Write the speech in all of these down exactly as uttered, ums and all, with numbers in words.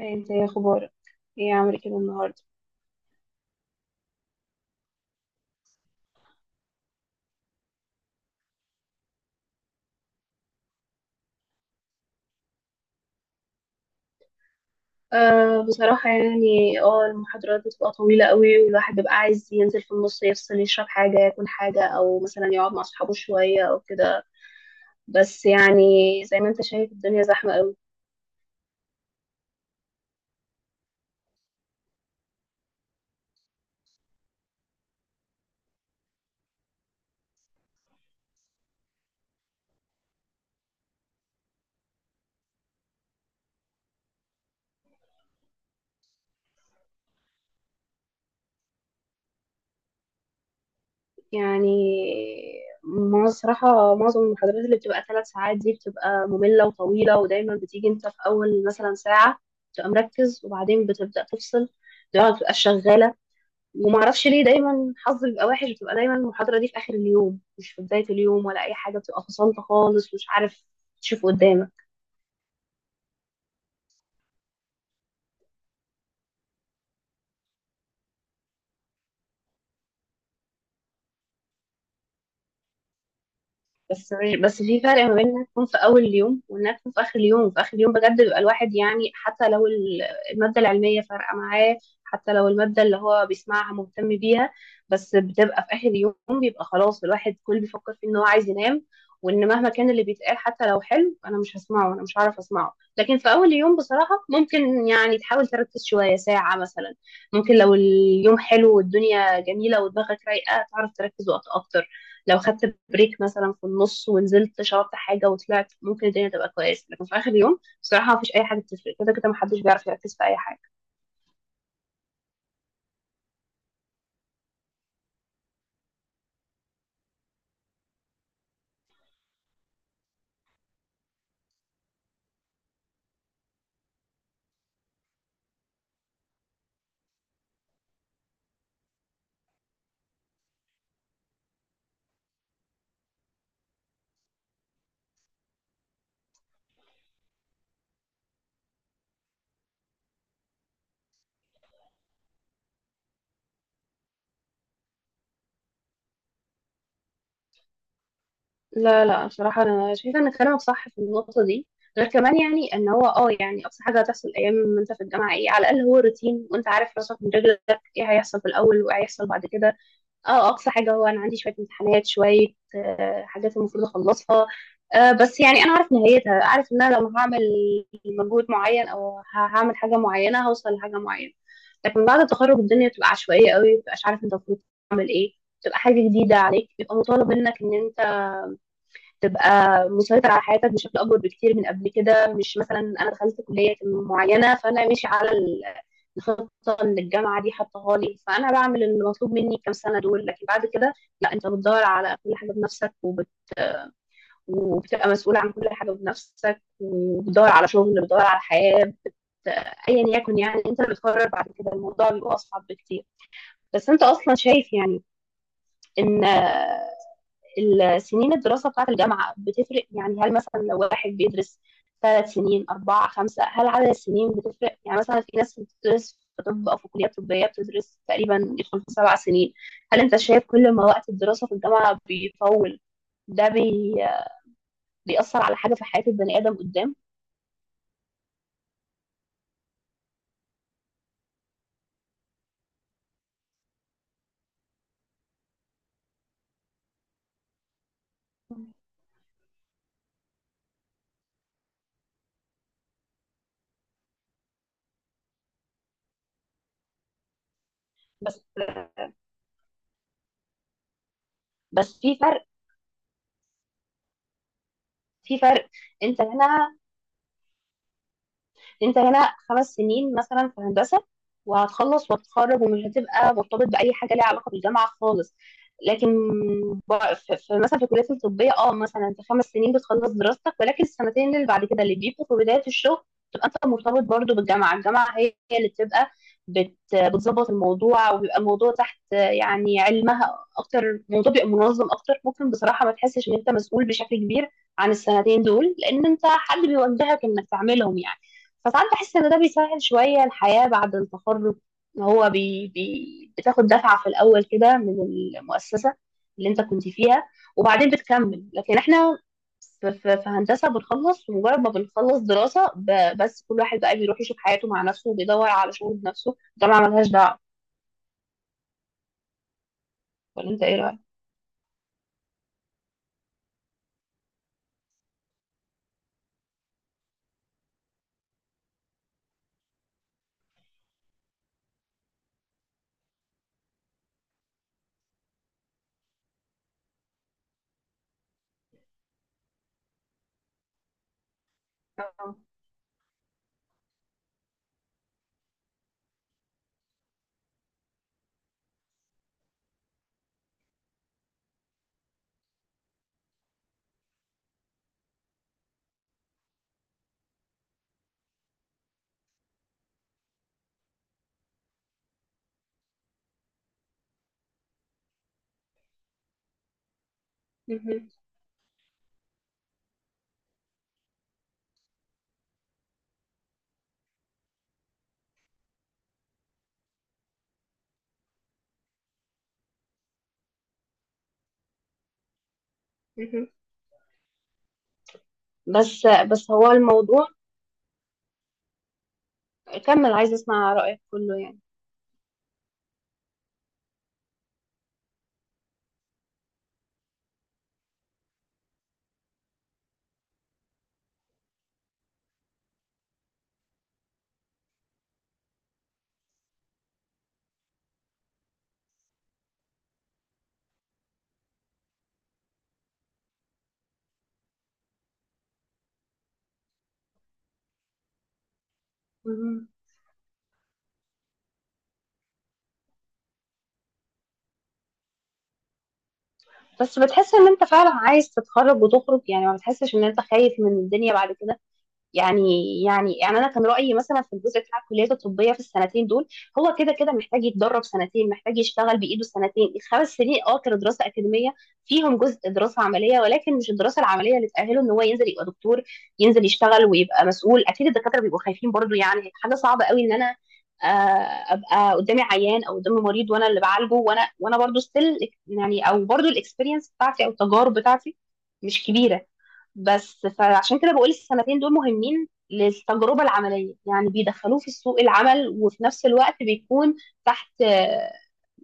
انت يا اخبارك، ايه عامل كده النهارده؟ أه بصراحة يعني اه المحاضرات بتبقى طويلة قوي، والواحد بيبقى عايز ينزل في النص يفصل، يشرب حاجة، ياكل حاجة، أو مثلا يقعد مع أصحابه شوية أو كده. بس يعني زي ما انت شايف الدنيا زحمة قوي. يعني ما الصراحة معظم المحاضرات اللي بتبقى ثلاث ساعات دي بتبقى مملة وطويلة، ودايما بتيجي انت في أول مثلا ساعة بتبقى مركز، وبعدين بتبدأ تفصل، دماغك بتبقى شغالة. وما اعرفش ليه دايما حظي بيبقى وحش، بتبقى دايما المحاضره دي في اخر اليوم مش في بدايه اليوم، ولا اي حاجه، بتبقى فصلت خالص، مش عارف تشوف قدامك. بس بس في فرق ما بين انها تكون في اول اليوم وانها تكون في اخر اليوم. في اخر اليوم بجد بيبقى الواحد يعني حتى لو ال- الماده العلميه فارقه معاه، حتى لو الماده اللي هو بيسمعها مهتم بيها، بس بتبقى في اخر اليوم، بيبقى خلاص الواحد كل بيفكر في ان هو عايز ينام، وان مهما كان اللي بيتقال حتى لو حلو انا مش هسمعه، انا مش هعرف اسمعه. لكن في اول اليوم بصراحه ممكن يعني تحاول تركز شويه ساعه مثلا. ممكن لو اليوم حلو والدنيا جميله ودماغك رايقه تعرف تركز وقت اكتر. لو خدت بريك مثلا في النص ونزلت شربت حاجه وطلعت ممكن الدنيا تبقى كويسه، لكن في اخر يوم بصراحه مفيش اي حاجه بتفرق، كده كده محدش بيعرف يركز في اي حاجه. لا لا بصراحه انا شايفه ان كلامك صح في النقطه دي. غير كمان يعني ان هو اه يعني اقصى حاجه هتحصل ايام ما انت في الجامعه ايه؟ على الاقل هو روتين، وانت عارف راسك من رجلك، ايه هيحصل في الاول وايه هيحصل بعد كده. اه اقصى حاجه هو انا عندي شويه امتحانات، شويه آه، حاجات المفروض اخلصها، آه، بس يعني انا عارف نهايتها، عارف ان انا لو هعمل مجهود معين او ه- هعمل حاجه معينه هوصل لحاجه معينه. لكن بعد التخرج الدنيا بتبقى عشوائيه قوي، ما بتبقاش عارف انت المفروض تعمل ايه، بتبقى حاجه جديده عليك، بيبقى مطالب منك ان تبقى مسيطر على حياتك بشكل اكبر بكتير من قبل كده. مش مثلا انا دخلت كليه معينه فانا ماشي على ال- الخطه اللي الجامعه دي حطاها لي، فانا بعمل اللي مطلوب مني الكام سنه دول، لكن بعد كده لا، انت بتدور على كل حاجه بنفسك، وبت... وبتبقى مسؤول عن كل حاجه بنفسك، وبتدور على شغل، بتدور على حياه، بت... ايا يكن، يعني انت اللي بتقرر بعد كده، الموضوع بيبقى اصعب بكتير. بس انت اصلا شايف يعني ان السنين الدراسة بتاعة الجامعة بتفرق؟ يعني هل مثلا لو واحد بيدرس ثلاث سنين، أربعة، خمسة، هل عدد السنين بتفرق؟ يعني مثلا في ناس بتدرس في طب أو في كليات طبية بتدرس تقريبا، يدخل في سبع سنين. هل أنت شايف كل ما وقت الدراسة في الجامعة بيطول، ده بي... بيأثر على حاجة في حياة البني آدم قدام؟ بس بس في فرق، في فرق. انت هنا انت هنا خمس سنين مثلا في هندسه، وهتخلص وتتخرج ومش هتبقى مرتبط باي حاجه ليها علاقه بالجامعه خالص. لكن ب- في في- مثلا في الكليات الطبيه اه مثلا انت خمس سنين بتخلص دراستك، ولكن السنتين اللي بعد كده اللي بيبقوا في بدايه الشغل تبقى انت مرتبط برضو بالجامعه، الجامعه هي هي اللي بتبقى بت- بتظبط الموضوع، وبيبقى الموضوع تحت يعني علمها اكتر، الموضوع بيبقى منظم اكتر، ممكن بصراحه ما تحسش ان انت مسؤول بشكل كبير عن السنتين دول، لان انت حد بيوجهك انك تعملهم يعني. فساعات بحس ان ده بيسهل شويه الحياه بعد التخرج، إن هو بي بي بتاخد دفعه في الاول كده من المؤسسه اللي انت كنت فيها، وبعدين بتكمل. لكن احنا في, في, في هندسه بنخلص، ومجرد ما بنخلص دراسه ب- بس كل واحد بقى بيروح يشوف حياته مع نفسه وبيدور على شغل بنفسه، الجامعه ملهاش دعوه. ولا انت ايه رايك؟ اه. مهم. مهم. بس بس هو الموضوع، كمل عايز اسمع رايك كله يعني. مهم. بس بتحس ان انت فعلا عايز تتخرج وتخرج يعني؟ ما بتحسش ان انت خايف من الدنيا بعد كده؟ يعني يعني يعني انا كان رايي مثلا في الجزء بتاع الكليات الطبيه في السنتين دول هو كده كده محتاج يتدرب سنتين، محتاج يشتغل بايده سنتين. الخمس سنين اه كانوا دراسه اكاديميه فيهم جزء دراسه عمليه، ولكن مش الدراسه العمليه اللي تاهله ان هو ينزل يبقى دكتور، ينزل يشتغل ويبقى مسؤول. اكيد الدكاتره بيبقوا خايفين برضو، يعني حاجه صعبه قوي ان انا آه، ابقى قدامي عيان او قدامي مريض وانا اللي بعالجه، وانا وانا برضو ستيل يعني، او برضو الاكسبيرينس بتاعتي او التجارب بتاعتي مش كبيره. بس فعشان كده بقول السنتين دول مهمين للتجربة العملية، يعني بيدخلوه في سوق العمل وفي نفس الوقت بيكون تحت آه،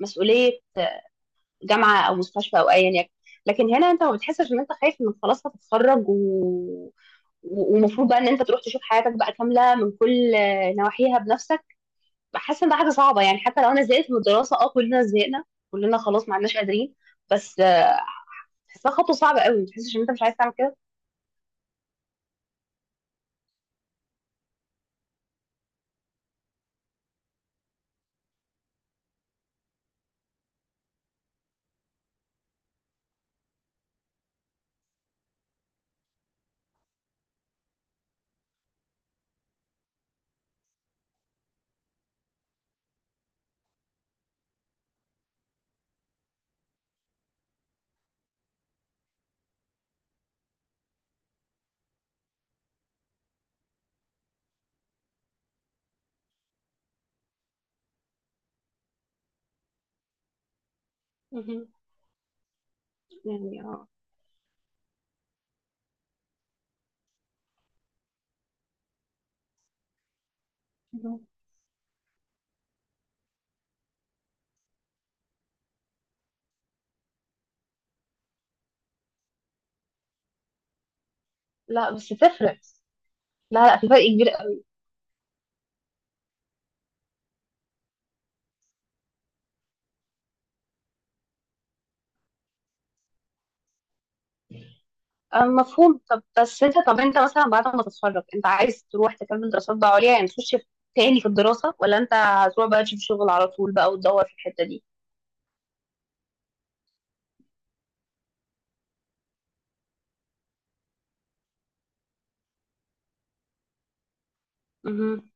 مسؤولية جامعة أو مستشفى أو أيا يكن. لكن هنا أنت ما بتحسش إن أنت خايف إنك خلاص هتتخرج و... و- ومفروض بقى إن أنت تروح تشوف حياتك بقى كاملة من كل آه، نواحيها بنفسك؟ بحس إن ده حاجة صعبة يعني. حتى لو أنا زهقت من الدراسة، أه كلنا زهقنا، كلنا خلاص ما عدناش قادرين، بس آه، بحسها خطوة صعبة قوي، ما تحسش إن أنت مش عايز تعمل كده؟ مهم. يعني اه. لا بس تفرق. لا لا في فرق كبير قوي. آه، مفهوم. طب بس انت، طب انت مثلا بعد ما تتخرج انت عايز تروح تكمل دراسات بقى عليا يعني، تخش في- تاني في الدراسة، ولا انت هتروح بقى تشوف شغل على طول بقى وتدور في الحتة دي؟ مهم.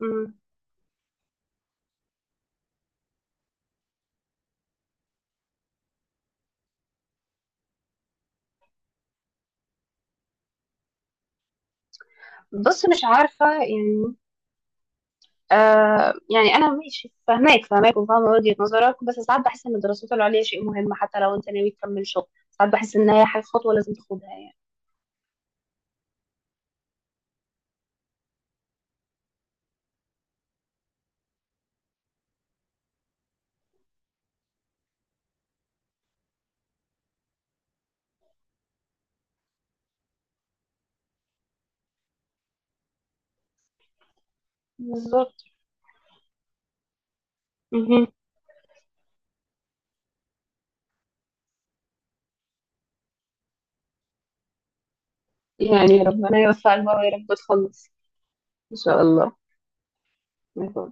مم. بص مش عارفة يعني. آه يعني أنا ماشي، فاهماك فاهماك وفاهمة وجهة نظرك، بس ساعات بحس إن الدراسات العليا شيء مهم، حتى لو أنت ناوي تكمل شغل، ساعات بحس إن هي حاجة، خطوة لازم تاخدها يعني. بالظبط. مهم. يعني ربنا يوفقك بقى ويا رب تخلص. إن شاء الله.